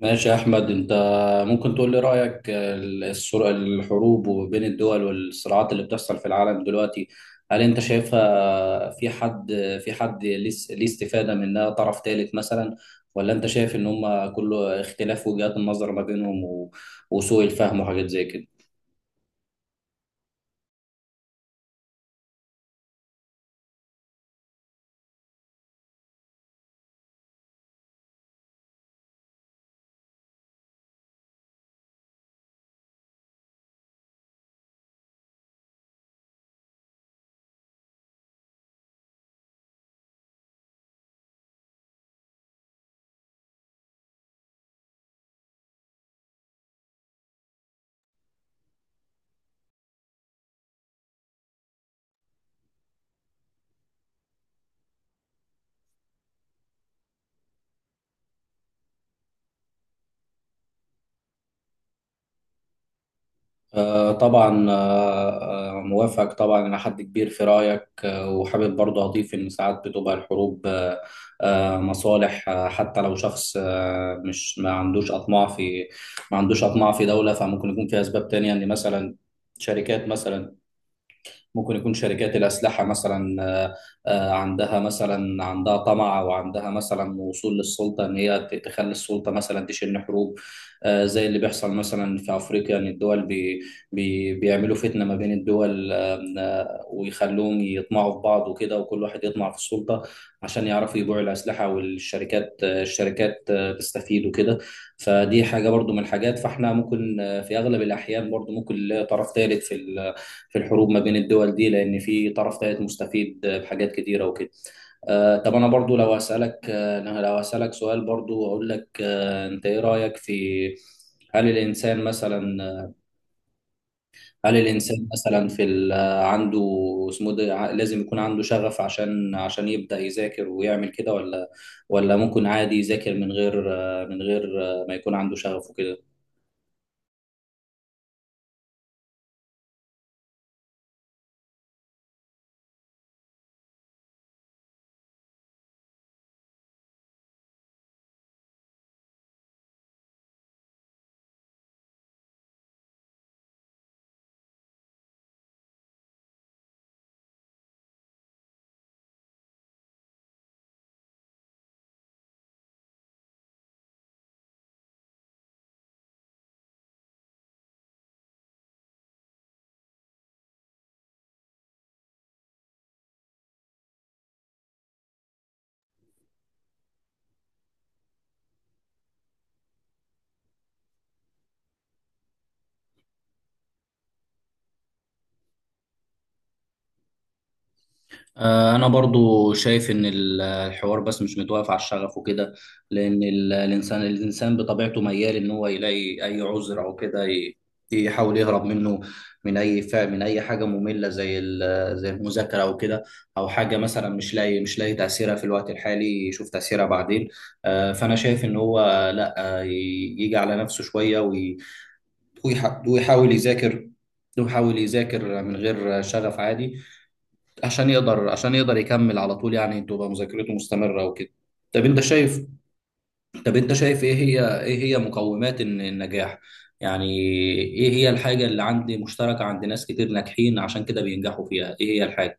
ماشي يا أحمد. أنت ممكن تقول لي رأيك الحروب بين الدول والصراعات اللي بتحصل في العالم دلوقتي؟ هل أنت شايفها في حد ليه استفادة منها طرف ثالث مثلا، ولا أنت شايف إن هما كله اختلاف وجهات النظر ما بينهم وسوء الفهم وحاجات زي كده؟ آه، طبعا آه، آه، موافق طبعا إلى حد كبير في رأيك، وحابب برضه أضيف إن ساعات بتبقى الحروب مصالح. حتى لو شخص آه، مش ما عندوش أطماع في دولة، فممكن يكون في أسباب تانية، إن مثلا شركات مثلا، ممكن يكون شركات الأسلحة مثلا، عندها مثلا عندها طمع، أو عندها مثلا وصول للسلطة، إن هي تخلي السلطة مثلا تشن حروب. زي اللي بيحصل مثلا في أفريقيا، إن الدول بي بي بيعملوا فتنة ما بين الدول، ويخلوهم يطمعوا في بعض وكده، وكل واحد يطمع في السلطة عشان يعرفوا يبيعوا الأسلحة، والشركات آه، الشركات آه، تستفيد وكده. فدي حاجة برضو من الحاجات، فاحنا ممكن، في أغلب الأحيان برضو، ممكن نلاقي طرف ثالث في الحروب ما بين الدول دي، لان في طرف ثالث مستفيد بحاجات كتيره وكده. طب انا برضو لو اسالك، سؤال برضو اقول لك، انت ايه رايك في، هل الانسان مثلا هل الانسان مثلا في ال- آه، عنده اسمه ده، لازم يكون عنده شغف عشان عشان يبدا يذاكر ويعمل كده، ولا ممكن عادي يذاكر من غير من غير ما يكون عنده شغف وكده؟ أنا برضو شايف إن الحوار بس مش متوقف على الشغف وكده، لأن الإنسان بطبيعته ميال إن هو يلاقي أي عذر أو كده، يحاول يهرب منه، من أي فعل، من أي حاجة مملة زي المذاكرة أو كده، أو حاجة مثلا مش لاقي تأثيرها في الوقت الحالي، يشوف تأثيرها بعدين. فأنا شايف إن هو لأ، يجي على نفسه شوية ويحاول يذاكر من غير شغف عادي، عشان يقدر يكمل على طول، يعني تبقى مذاكرته مستمرة وكده. طب انت شايف طب انت شايف ايه هي مقومات النجاح يعني؟ ايه هي الحاجة اللي عندي مشتركة عند ناس كتير ناجحين عشان كده بينجحوا فيها؟ ايه هي الحاجة؟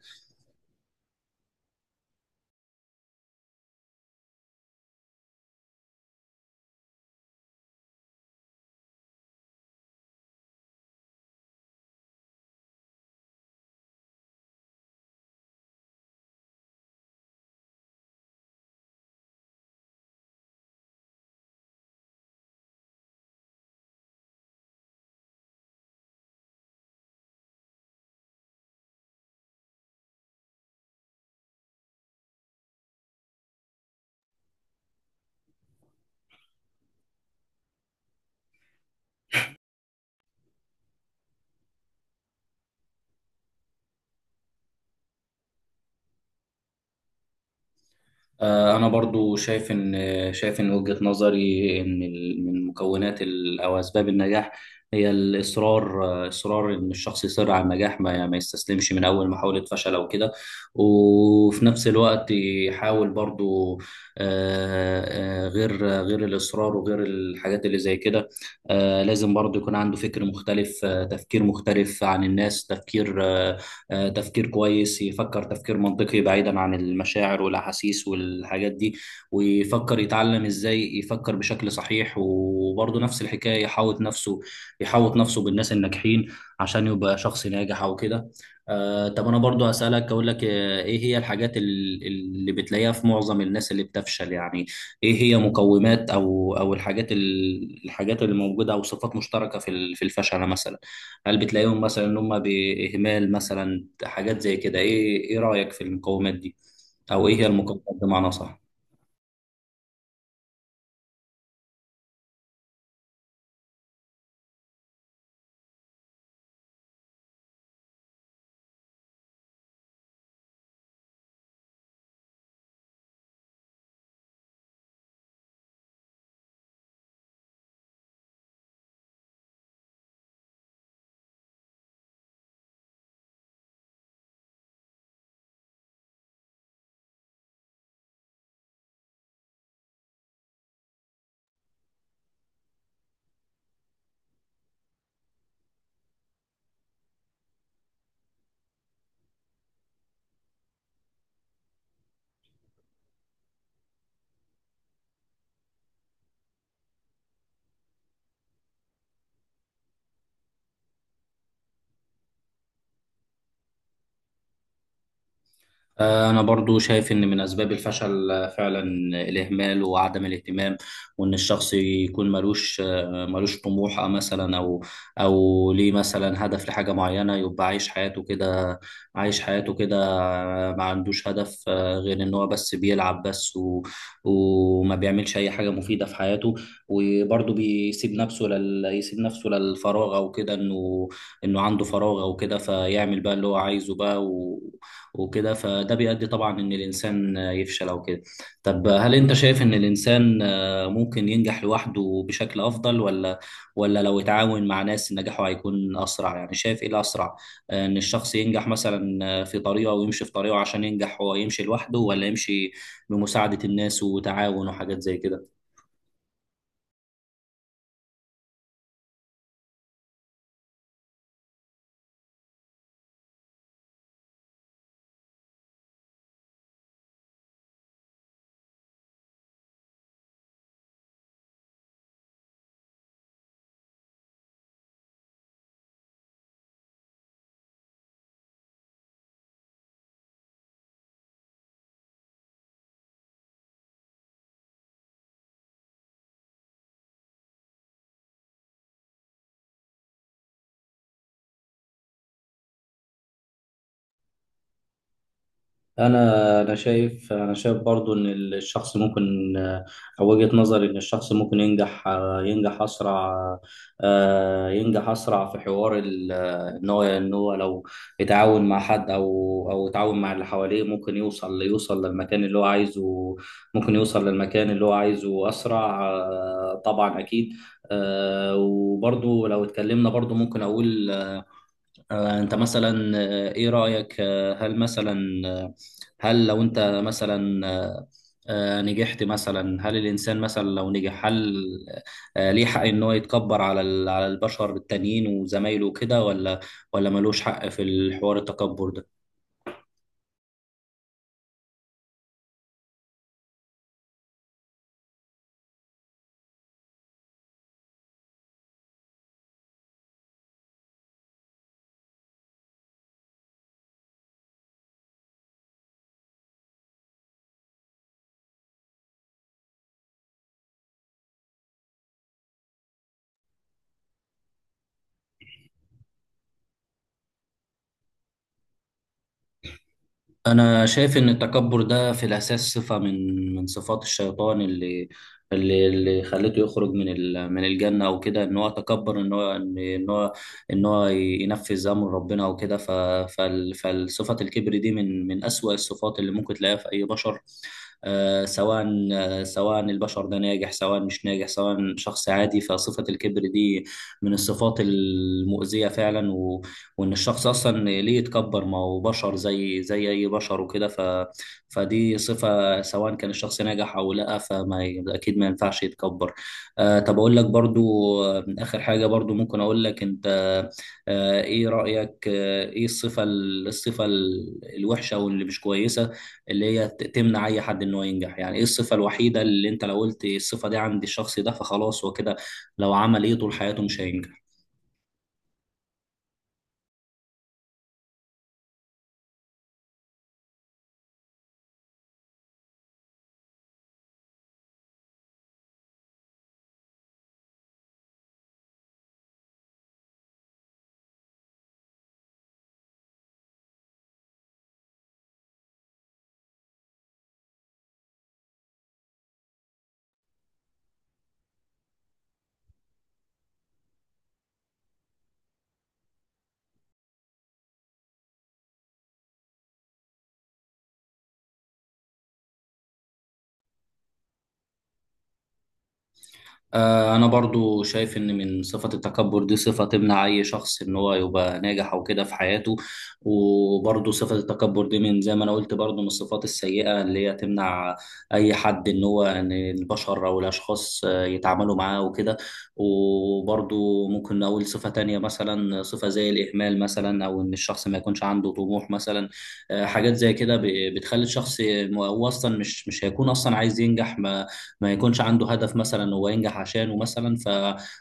أنا برضو شايف إن وجهة نظري إن من مكونات أو أسباب النجاح هي الإصرار. إصرار إن الشخص يصر على النجاح، ما يستسلمش من أول محاولة فشل أو كده. وفي نفس الوقت يحاول برضو، غير الإصرار وغير الحاجات اللي زي كده، لازم برضو يكون عنده فكر مختلف، تفكير مختلف عن الناس، تفكير آه، آه، تفكير كويس، يفكر تفكير منطقي بعيدا عن المشاعر والأحاسيس والحاجات دي، ويفكر يتعلم إزاي يفكر بشكل صحيح. وبرضه نفس الحكاية، يحاوط نفسه بالناس الناجحين عشان يبقى شخص ناجح أو كده. طب أنا برضه هسألك، أقول لك إيه هي الحاجات اللي بتلاقيها في معظم الناس اللي بتفشل يعني؟ إيه هي مقومات أو الحاجات الحاجات اللي موجودة، أو صفات مشتركة في الفشل مثلا؟ هل بتلاقيهم مثلا ان هم باهمال مثلا، حاجات زي كده؟ ايه رايك في المقومات دي، او ايه هي المقومات بمعنى صح؟ أنا برضو شايف إن من أسباب الفشل فعلا الإهمال وعدم الاهتمام، وإن الشخص يكون ملوش طموح، أو مثلا أو ليه مثلا هدف لحاجة معينة، يبقى عايش حياته كده، ما عندوش هدف غير إن هو بس بيلعب بس، وما بيعملش أي حاجة مفيدة في حياته. وبرضو بيسيب نفسه يسيب نفسه للفراغ أو كده، إنه عنده فراغ أو كده، فيعمل بقى اللي هو عايزه بقى وكده، فده بيؤدي طبعا ان الانسان يفشل او كده. طب هل انت شايف ان الانسان ممكن ينجح لوحده بشكل افضل، ولا لو اتعاون مع ناس نجاحه هيكون اسرع؟ يعني شايف ايه الاسرع، ان الشخص ينجح مثلا في طريقه ويمشي في طريقه عشان ينجح، هو يمشي لوحده، ولا يمشي بمساعدة الناس وتعاون وحاجات زي كده؟ انا انا شايف انا شايف برضو ان الشخص ممكن، او وجهة نظري ان الشخص ممكن ينجح اسرع، ينجح اسرع في حوار ال- ان هو ان هو لو يتعاون مع حد، او يتعاون مع اللي حواليه، ممكن يوصل للمكان اللي هو عايزه، اسرع، طبعا اكيد. وبرضو لو اتكلمنا برضو ممكن اقول، انت مثلا، ايه رأيك، هل مثلا، آه، هل لو انت مثلا آه، آه، نجحت مثلا، هل الانسان مثلا لو نجح، هل ليه حق ان هو يتكبر على البشر التانيين وزمايله وكده، ولا ملوش حق في الحوار التكبر ده؟ أنا شايف إن التكبر ده في الأساس صفة من صفات الشيطان اللي خلته يخرج من الجنة أو كده، إن هو تكبر، إن هو ينفذ أمر ربنا أو كده. فالصفة الكبر دي من أسوأ الصفات اللي ممكن تلاقيها في أي بشر، آه، سواء سواء البشر ده ناجح، سواء مش ناجح، سواء شخص عادي، فصفة الكبر دي من الصفات المؤذية فعلا. وان الشخص اصلا ليه يتكبر؟ ما هو بشر زي اي بشر وكده. فدي صفة، سواء كان الشخص ناجح او لا، اكيد ما ينفعش يتكبر. طب اقول لك برضو، اخر حاجة برضو ممكن اقول لك انت، ايه رأيك، ايه الصفة الوحشة او اللي مش كويسة، اللي هي تمنع اي حد انه ينجح يعني؟ ايه الصفة الوحيدة اللي انت لو قلت الصفة دي عند الشخص ده فخلاص هو كده، لو عمل ايه طول حياته مش هينجح؟ أنا برضو شايف إن من صفة التكبر دي، صفة تمنع أي شخص إن هو يبقى ناجح أو كده في حياته. وبرضو صفة التكبر دي، من زي ما أنا قلت برضو، من الصفات السيئة اللي هي تمنع أي حد إن هو، إن البشر أو الأشخاص، يتعاملوا معاه وكده. وبرضو ممكن نقول صفة تانية، مثلا صفة زي الإهمال مثلا، أو إن الشخص ما يكونش عنده طموح مثلا. حاجات زي كده بتخلي الشخص هو أصلا مش هيكون أصلا عايز ينجح، ما يكونش عنده هدف مثلا هو ينجح عشانه مثلا.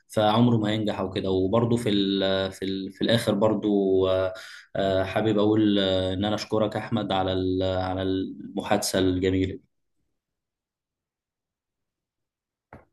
فعمره ما ينجح او كده. وبرضه في الاخر برضه، آه، حابب اقول ان انا اشكرك احمد على المحادثة الجميلة.